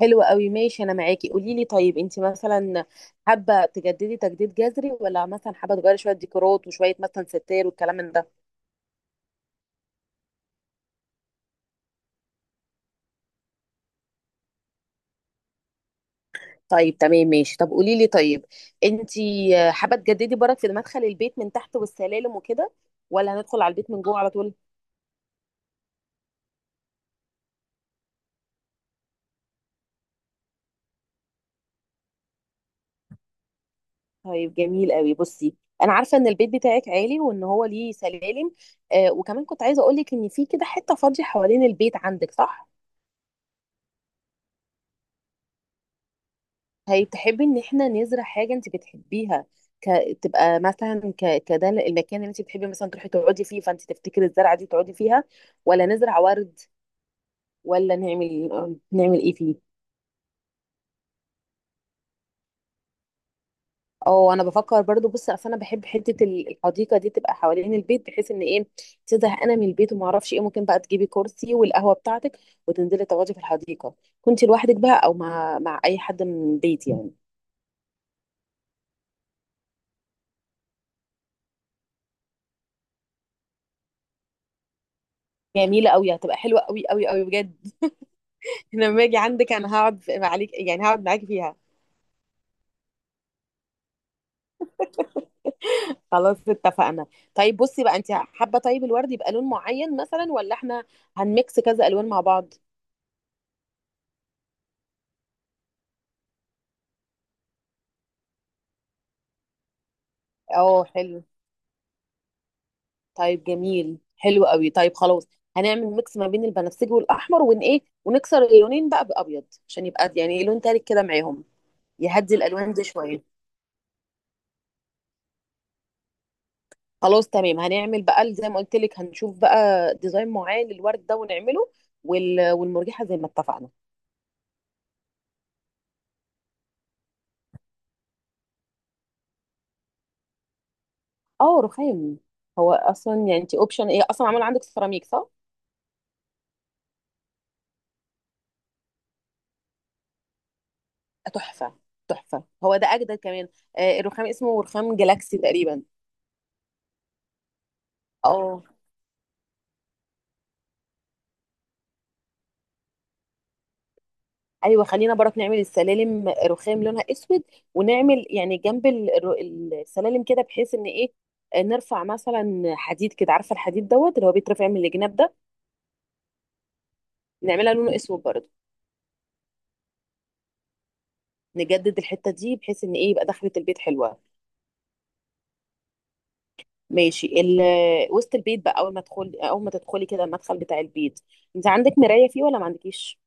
حلو قوي، ماشي. انا معاكي. قولي لي، طيب انت مثلا حابه تجددي تجديد جذري ولا مثلا حابه تغيري شويه ديكورات وشويه مثلا ستاير والكلام من ده؟ طيب تمام ماشي. طب قولي لي، طيب انت حابه تجددي برك في مدخل البيت من تحت والسلالم وكده ولا هندخل على البيت من جوه على طول؟ طيب جميل قوي. بصي، انا عارفه ان البيت بتاعك عالي وان هو ليه سلالم. آه، وكمان كنت عايزه اقول لك ان في كده حته فاضيه حوالين البيت عندك، صح؟ هي تحبي ان احنا نزرع حاجه انت بتحبيها ك... تبقى مثلا كده المكان اللي انت بتحبي مثلا تروحي تقعدي فيه، فانت تفتكري الزرعه دي تقعدي فيها، ولا نزرع ورد، ولا نعمل ايه فيه؟ اه، انا بفكر برضو. بص، اصل انا بحب حته الحديقه دي تبقى حوالين البيت، بحيث ان ايه، تزهق انا من البيت، وما اعرفش ايه ممكن بقى تجيبي كرسي والقهوه بتاعتك وتنزلي تقعدي في الحديقه. كنت لوحدك بقى او مع اي حد من بيتي يعني. جميله قوي، هتبقى حلوه قوي قوي قوي بجد. لما اجي عندك انا هقعد عليك، يعني هقعد معاكي فيها. خلاص اتفقنا. طيب بصي بقى، انت حابه طيب الورد يبقى لون معين مثلا، ولا احنا هنميكس كذا الوان مع بعض؟ اه حلو. طيب جميل حلو قوي، طيب خلاص هنعمل ميكس ما بين البنفسجي والاحمر ون ايه، ونكسر اللونين بقى بابيض عشان يبقى يعني لون تالت كده معاهم، يهدي الالوان دي شويه. خلاص تمام. هنعمل بقى زي ما قلت لك، هنشوف بقى ديزاين معين للورد ده ونعمله، والمرجحه زي ما اتفقنا. اه رخام. هو اصلا يعني انت اوبشن ايه اصلا، معمول عندك سيراميك صح؟ تحفه. تحفه، هو ده اجدد كمان. آه، الرخام اسمه رخام جالاكسي تقريبا. اه ايوه، خلينا برك نعمل السلالم رخام لونها اسود، ونعمل يعني جنب السلالم كده، بحيث ان ايه، آه، نرفع مثلا حديد كده، عارفه الحديد دوت اللي هو بيترفع من الجناب ده، نعملها لونه اسود برضه. نجدد الحته دي بحيث ان ايه، يبقى دخلة البيت حلوه. ماشي. وسط البيت بقى، اول ما تدخلي كده المدخل بتاع البيت، انت عندك مرايه فيه ولا ما عندكيش؟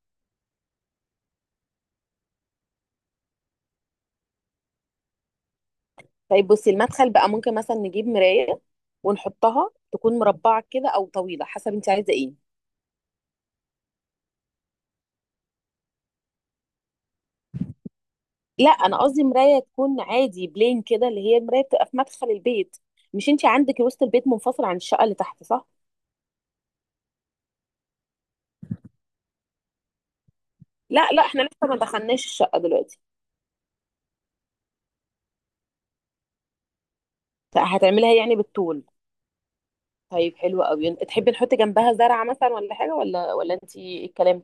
طيب بصي، المدخل بقى ممكن مثلا نجيب مرايه ونحطها، تكون مربعه كده او طويله حسب انت عايزه ايه. لا، انا قصدي مرايه تكون عادي بلين كده، اللي هي المرايه بتبقى في مدخل البيت. مش انت عندك وسط البيت منفصل عن الشقه اللي تحت صح؟ لا لا، احنا لسه ما دخلناش الشقه دلوقتي. هتعملها يعني بالطول؟ طيب حلو قوي. تحبي نحط جنبها زرعه مثلا، ولا حاجه، ولا انت ايه الكلام؟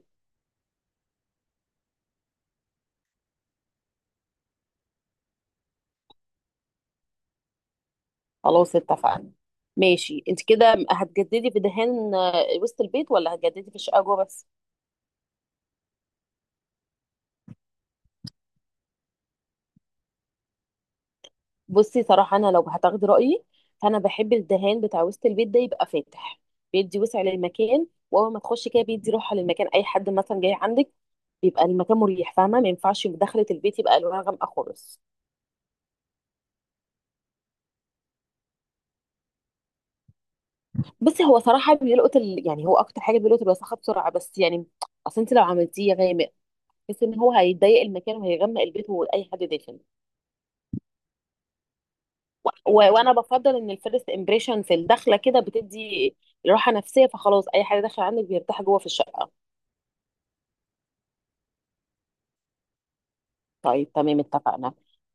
خلاص اتفقنا. ماشي، انت كده هتجددي في دهان آه، وسط البيت، ولا هتجددي في الشقه جوه بس؟ بصي، صراحه انا لو هتاخدي رايي، فانا بحب الدهان بتاع وسط البيت ده يبقى فاتح، بيدي وسع للمكان، واول ما تخشي كده بيدي راحه للمكان. اي حد مثلا جاي عندك يبقى المكان مريح، فاهمه؟ ما ينفعش دخلة البيت يبقى الوانها غامقه خالص. بصي، هو صراحه بيلقط يعني هو اكتر حاجه بيلقط الوساخه بسرعه، بس يعني اصل انت لو عملتيه غامق، بس ان هو هيضيق المكان وهيغمق البيت واي حد داخل. وانا بفضل ان الفيرست امبريشن في الدخله كده بتدي راحه نفسيه، فخلاص اي حاجه داخله عندك بيرتاح جوه في الشقه. طيب تمام اتفقنا.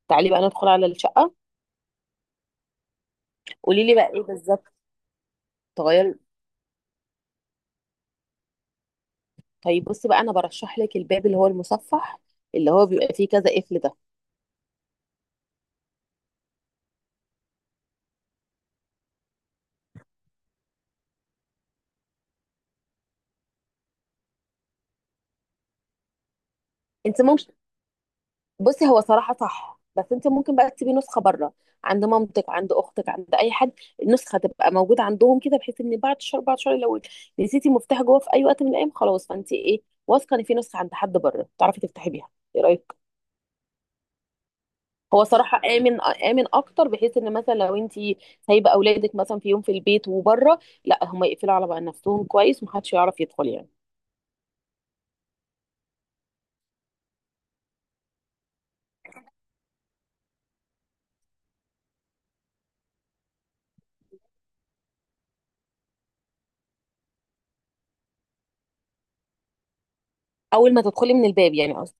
تعالي بقى ندخل على الشقه. قولي لي بقى ايه بالظبط. تغير. طيب بصي بقى، انا برشح لك الباب اللي هو المصفح، اللي هو بيبقى فيه كذا قفل ده. انت ممكن، بصي هو صراحة صح، بس انت ممكن بقى تسيبي نسخة بره، عند مامتك، عند اختك، عند اي حد. النسخة تبقى موجودة عندهم كده، بحيث ان بعد شهر بعد شهر لو نسيتي مفتاح جوه في اي وقت من الايام، خلاص، فانت ايه، واثقة ان في نسخة عند حد بره تعرفي تفتحي بيها. ايه رأيك؟ هو صراحة آمن آمن أكتر، بحيث إن مثلا لو أنت سايبة أولادك مثلا في يوم في البيت وبره، لا هما يقفلوا على بقى نفسهم كويس ومحدش يعرف يدخل يعني. أول ما تدخلي من الباب، يعني قصدي.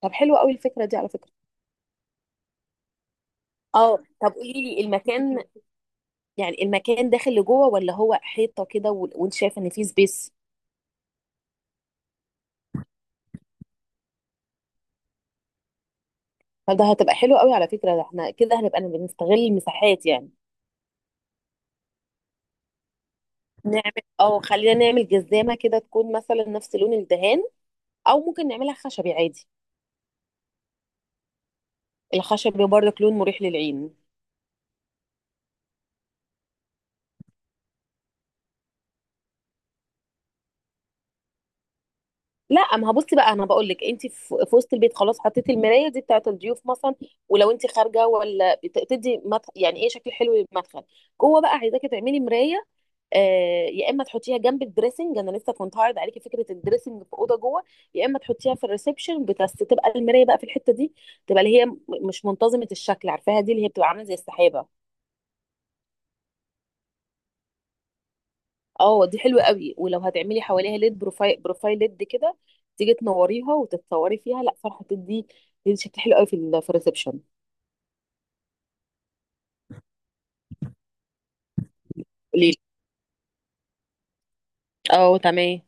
طب حلوة أوي الفكرة دي على فكرة. اه. طب قولي لي المكان، يعني المكان داخل لجوه ولا هو حيطه كده، وانت شايف ان في سبيس؟ فده هتبقى حلو قوي على فكره، ده احنا كده هنبقى بنستغل المساحات يعني. نعمل، او خلينا نعمل جزامه كده تكون مثلا نفس لون الدهان، او ممكن نعملها خشبي عادي. الخشبي برضك لون مريح للعين. لا، ما هبصي بقى انا بقول لك، انت في وسط البيت خلاص حطيتي المرايه دي بتاعه الضيوف مثلا. ولو انت خارجه ولا بتدي مدخل، يعني ايه شكل حلو للمدخل، جوه بقى عايزاكي تعملي مرايه، آه، يا اما تحطيها جنب الدريسنج، انا لسه كنت هعرض عليكي فكره الدريسنج في اوضه جوه، يا اما تحطيها في الريسبشن بس تبقى المرايه بقى في الحته دي، تبقى اللي هي مش منتظمه الشكل، عارفاها دي اللي هي بتبقى عامله زي السحابه. اه، دي حلوه قوي. ولو هتعملي حواليها ليد بروفايل بروفايل ليد كده، تيجي تنوريها وتتصوري فيها، لا صراحه تدي شكل حلو قوي في في الريسبشن. قوليلي. اه تمام.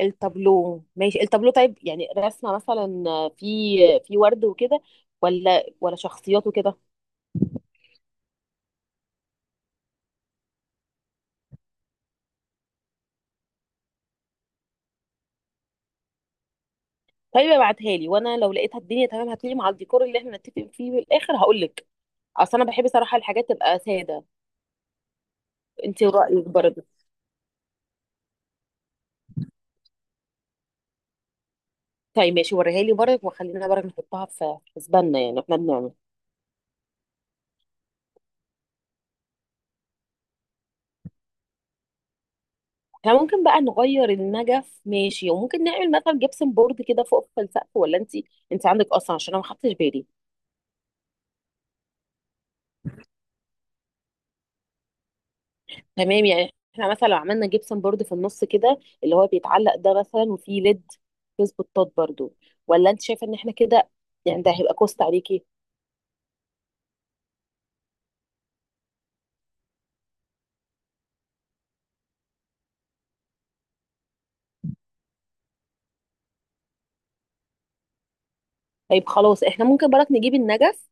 التابلو ماشي، التابلو طيب يعني رسمه مثلا، في ورد وكده، ولا شخصيات وكده؟ طيب ابعتها لي، وانا لو لقيتها الدنيا تمام هتليق مع الديكور اللي احنا نتفق فيه بالاخر هقول لك. اصل انا بحب صراحه الحاجات تبقى ساده. انت رايك برضه. طيب ماشي، وريها لي برضك وخلينا برضك نحطها في حسباننا، يعني احنا بنعمل. احنا ممكن بقى نغير النجف ماشي، وممكن نعمل مثلا جبسن بورد كده فوق في السقف، ولا انت عندك اصلا؟ عشان انا ما خدتش بالي. تمام، يعني احنا مثلا لو عملنا جبسن بورد في النص كده اللي هو بيتعلق ده مثلا وفيه ليد فيس بطاط برضه، ولا انت شايفه ان احنا كده، يعني ده هيبقى كوست عليكي؟ طيب خلاص، احنا ممكن برك نجيب النجف،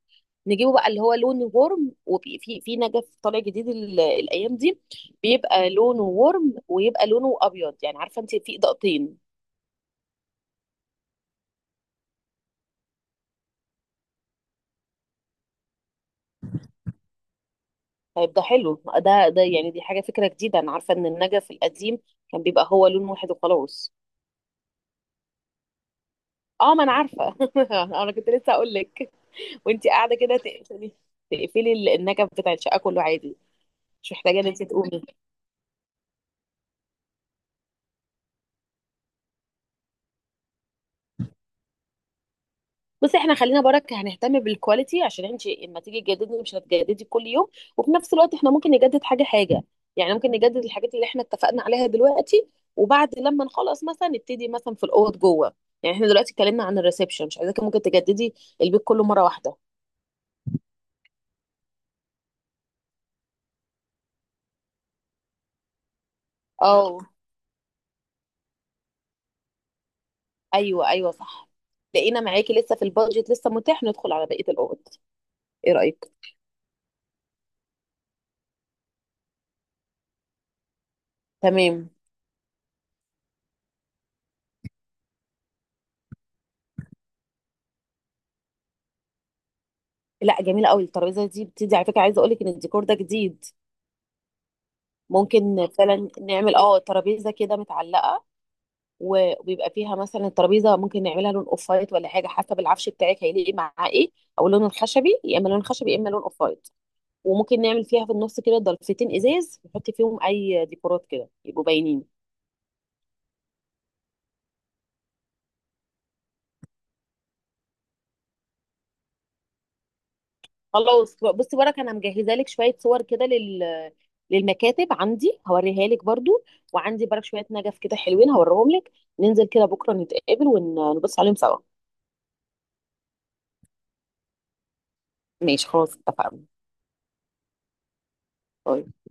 نجيبه بقى اللي هو لون ورم، وفي في في نجف طالع جديد الايام دي، بيبقى لونه ورم ويبقى لونه ابيض، يعني عارفه انت في اضاءتين. طيب ده حلو، ده يعني دي حاجه فكره جديده، انا عارفه ان النجف القديم كان بيبقى هو لون واحد وخلاص. اه ما انا عارفه. انا كنت لسه اقول لك، وانت قاعده كده تقفلي النجف بتاع الشقه كله عادي، مش محتاجه ان انت تقومي. بصي، احنا خلينا برك هنهتم بالكواليتي، عشان انت اما تيجي تجددي مش هتجددي كل يوم. وفي نفس الوقت احنا ممكن نجدد حاجه حاجه، يعني ممكن نجدد الحاجات اللي احنا اتفقنا عليها دلوقتي، وبعد لما نخلص مثلا نبتدي مثلا في الاوض جوه. يعني احنا دلوقتي اتكلمنا عن الريسبشن، مش عايزاكي ممكن تجددي البيت كله مره واحده. اه ايوه ايوه صح. لقينا معاكي لسه في البادجت، لسه متاح ندخل على بقيه الاوض. ايه رايك؟ تمام. لا، جميله قوي الترابيزه دي، بتدي على فكره. عايزه اقول لك ان الديكور ده جديد. ممكن فعلا نعمل اه ترابيزه كده متعلقه، وبيبقى فيها مثلا. الترابيزه ممكن نعملها لون اوف وايت ولا حاجه، حسب العفش بتاعك هيليق مع ايه، او لون الخشبي، يا اما لون خشبي يا اما لون اوف وايت. وممكن نعمل فيها في النص كده ضلفتين ازاز، نحط فيهم اي ديكورات كده يبقوا باينين. خلاص بصي بركه، انا مجهزه لك شويه صور كده للمكاتب عندي، هوريها لك برضو. وعندي برك شويه نجف كده حلوين هوريهم لك. ننزل كده بكره نتقابل ونبص عليهم سوا. ماشي خلاص اتفقنا. طيب.